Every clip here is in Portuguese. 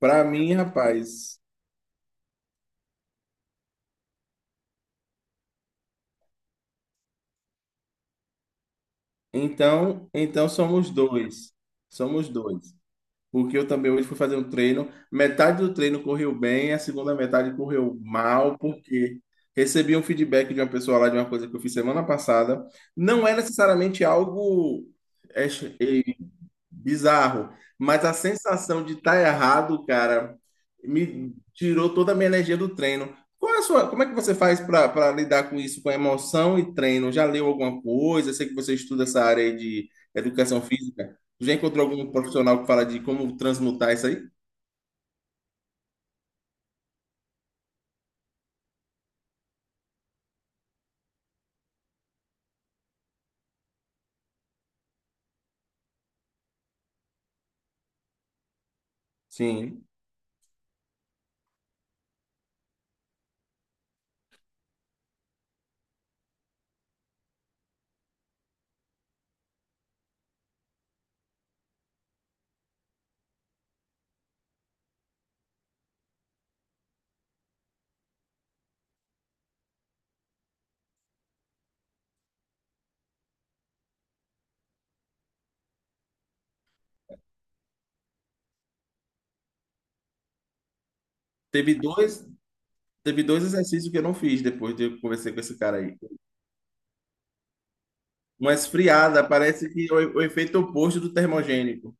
Para mim, rapaz, então somos dois. Somos dois. Porque eu também hoje fui fazer um treino, metade do treino correu bem, a segunda metade correu mal, porque recebi um feedback de uma pessoa lá de uma coisa que eu fiz semana passada. Não é necessariamente algo é, bizarro. Mas a sensação de estar errado, cara, me tirou toda a minha energia do treino. Qual é a sua, como é que você faz para lidar com isso, com emoção e treino? Já leu alguma coisa? Eu sei que você estuda essa área aí de educação física. Já encontrou algum profissional que fala de como transmutar isso aí? Sim. Teve dois, teve dois exercícios que eu não fiz depois de eu conversar com esse cara aí. Uma esfriada, parece que é o efeito oposto do termogênico.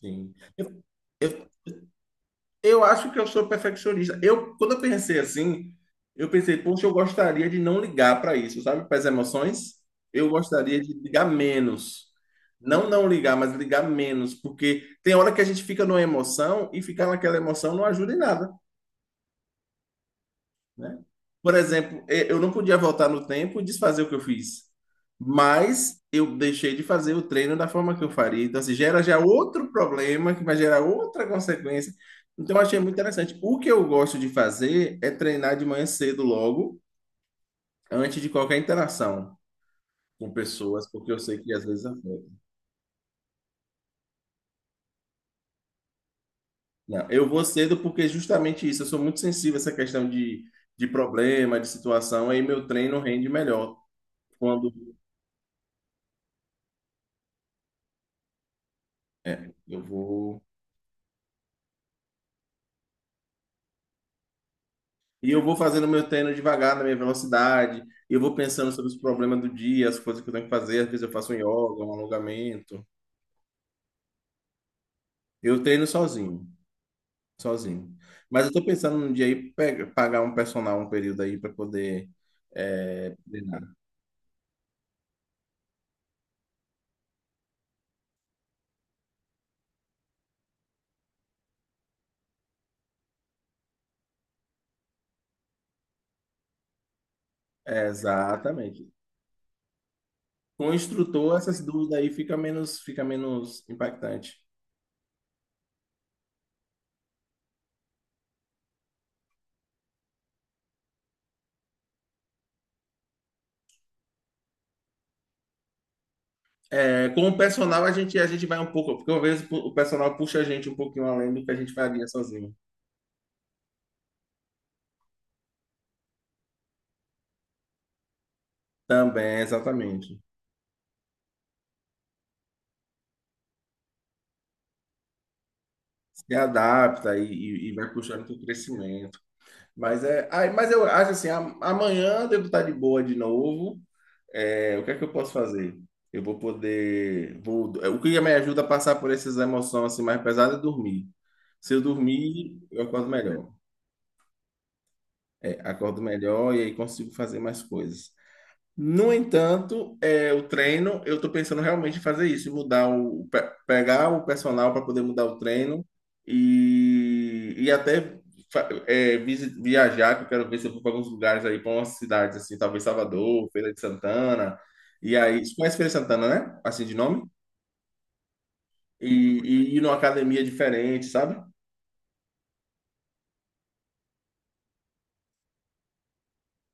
Sim. Eu Eu acho que eu sou perfeccionista. Eu, quando eu pensei assim, eu pensei, poxa, eu gostaria de não ligar para isso, sabe? Para as emoções, eu gostaria de ligar menos. Não não ligar, mas ligar menos, porque tem hora que a gente fica numa emoção e ficar naquela emoção não ajuda em nada, né? Por exemplo, eu não podia voltar no tempo e desfazer o que eu fiz, mas eu deixei de fazer o treino da forma que eu faria. Então, assim, gera já outro problema que vai gerar outra consequência. Então, eu achei muito interessante. O que eu gosto de fazer é treinar de manhã cedo logo, antes de qualquer interação com pessoas, porque eu sei que às vezes afeta. Não, eu vou cedo porque justamente isso, eu sou muito sensível a essa questão de problema, de situação, aí meu treino rende melhor. Quando é, eu vou E eu vou fazendo meu treino devagar, na minha velocidade. Eu vou pensando sobre os problemas do dia, as coisas que eu tenho que fazer. Às vezes eu faço um yoga, um alongamento. Eu treino sozinho, sozinho. Mas eu tô pensando num dia aí pagar um personal um período aí para poder treinar. É, exatamente. Com o instrutor, essas dúvidas aí fica menos impactante. É, com o personal a gente vai um pouco, porque às vezes o personal puxa a gente um pouquinho além do que a gente faria sozinho. Também, exatamente. Se adapta e vai puxando para o crescimento. Mas mas eu acho assim, amanhã eu devo estar de boa de novo. É, o que é que eu posso fazer? Eu vou poder, vou, o que me ajuda a passar por essas emoções assim mais pesadas é dormir. Se eu dormir, eu acordo melhor. É, acordo melhor e aí consigo fazer mais coisas. No entanto, o treino, eu estou pensando realmente em fazer isso, mudar pegar o personal para poder mudar o treino e até viajar, que eu quero ver se eu vou para alguns lugares aí, para umas cidades assim, talvez Salvador, Feira de Santana, e aí, você conhece Feira de Santana, né? Assim de nome? E ir numa academia diferente, sabe?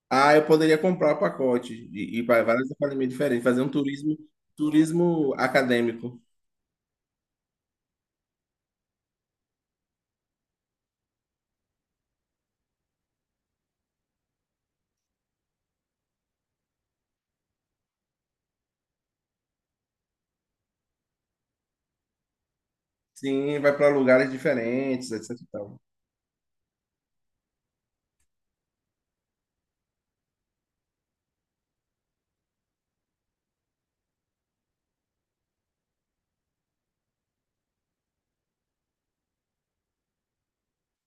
Ah, eu poderia comprar o pacote e ir para várias academias diferentes, fazer um turismo, turismo acadêmico. Sim, vai para lugares diferentes, etc. e tal.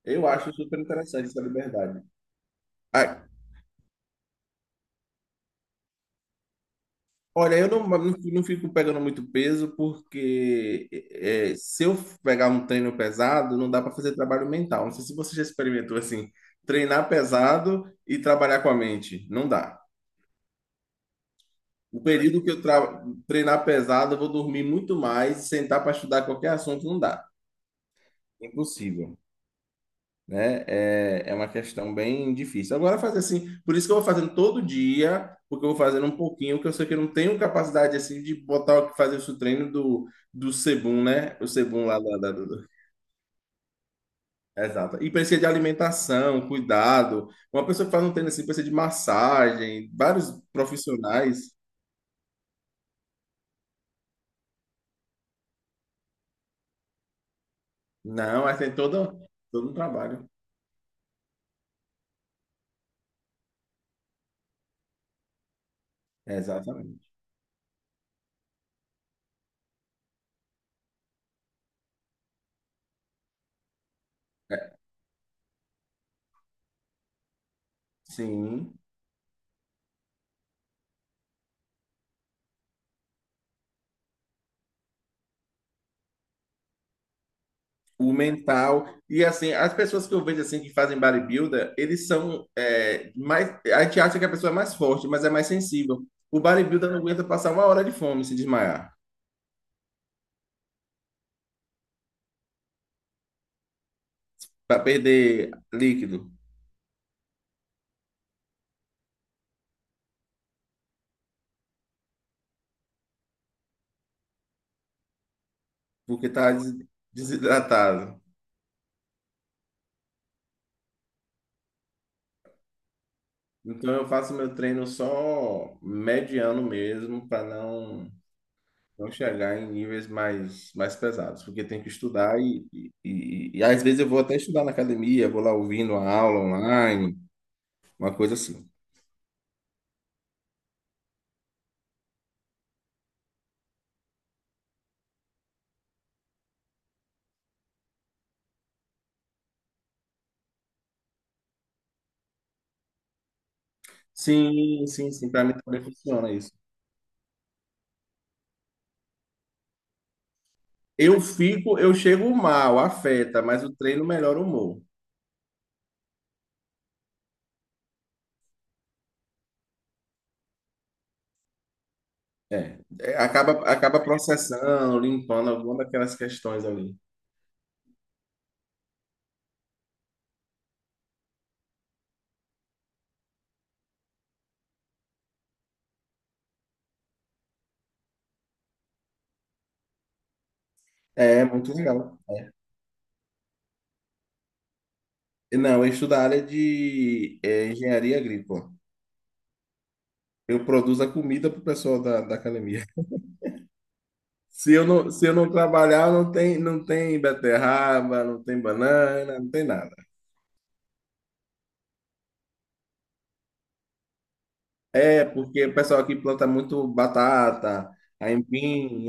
Eu acho super interessante essa liberdade. Ah, olha, eu não, não, não fico pegando muito peso, porque se eu pegar um treino pesado, não dá para fazer trabalho mental. Não sei se você já experimentou assim, treinar pesado e trabalhar com a mente. Não dá. O período que eu treinar pesado, eu vou dormir muito mais, sentar para estudar qualquer assunto, não dá. Impossível. Né? É, é uma questão bem difícil. Agora, fazer assim, por isso que eu vou fazendo todo dia, porque eu vou fazendo um pouquinho, que eu sei que eu não tenho capacidade, assim, de botar, o que fazer esse treino do Sebum, né? O Sebum lá da. Exato. E precisa de alimentação, cuidado. Uma pessoa que faz um treino assim, precisa de massagem, vários profissionais. Não, mas tem todo, todo um trabalho. Exatamente. É, Sim. O mental. E assim, as pessoas que eu vejo assim que fazem bodybuilder, eles são mais. A gente acha que a pessoa é mais forte, mas é mais sensível. O bodybuilder não aguenta passar uma hora de fome e se desmaiar, para perder líquido, porque desidratado. Então eu faço meu treino só mediano mesmo, para não. Não chegar em níveis mais, mais pesados, porque tem que estudar e às vezes eu vou até estudar na academia, vou lá ouvindo a aula online, uma coisa assim. Sim, para mim também funciona isso. Eu fico, eu chego mal, afeta, mas o treino melhora o humor. Acaba, acaba processando, limpando alguma daquelas questões ali. É, muito legal. Não, eu estudo a área de engenharia agrícola. Eu produzo a comida para o pessoal da academia. Se eu não trabalhar, não tem, não tem beterraba, não tem banana, não tem nada. É, porque o pessoal aqui planta muito batata, aipim.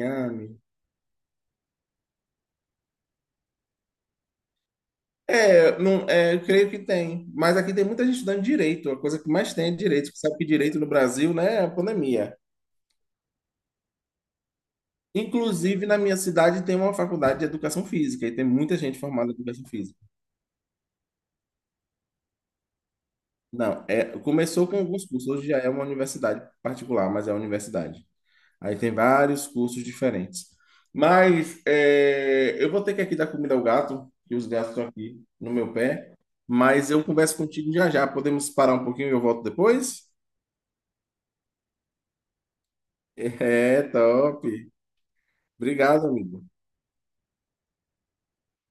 É, não, é, eu creio que tem. Mas aqui tem muita gente estudando direito. A coisa que mais tem é direito. Você sabe que direito no Brasil, né, é a pandemia. Inclusive, na minha cidade tem uma faculdade de educação física e tem muita gente formada em educação física. Não, é, começou com alguns cursos, hoje já é uma universidade particular, mas é uma universidade. Aí tem vários cursos diferentes. Mas é, eu vou ter que aqui dar comida ao gato, que os gatos estão aqui no meu pé. Mas eu converso contigo já já. Podemos parar um pouquinho e eu volto depois? É, top. Obrigado, amigo.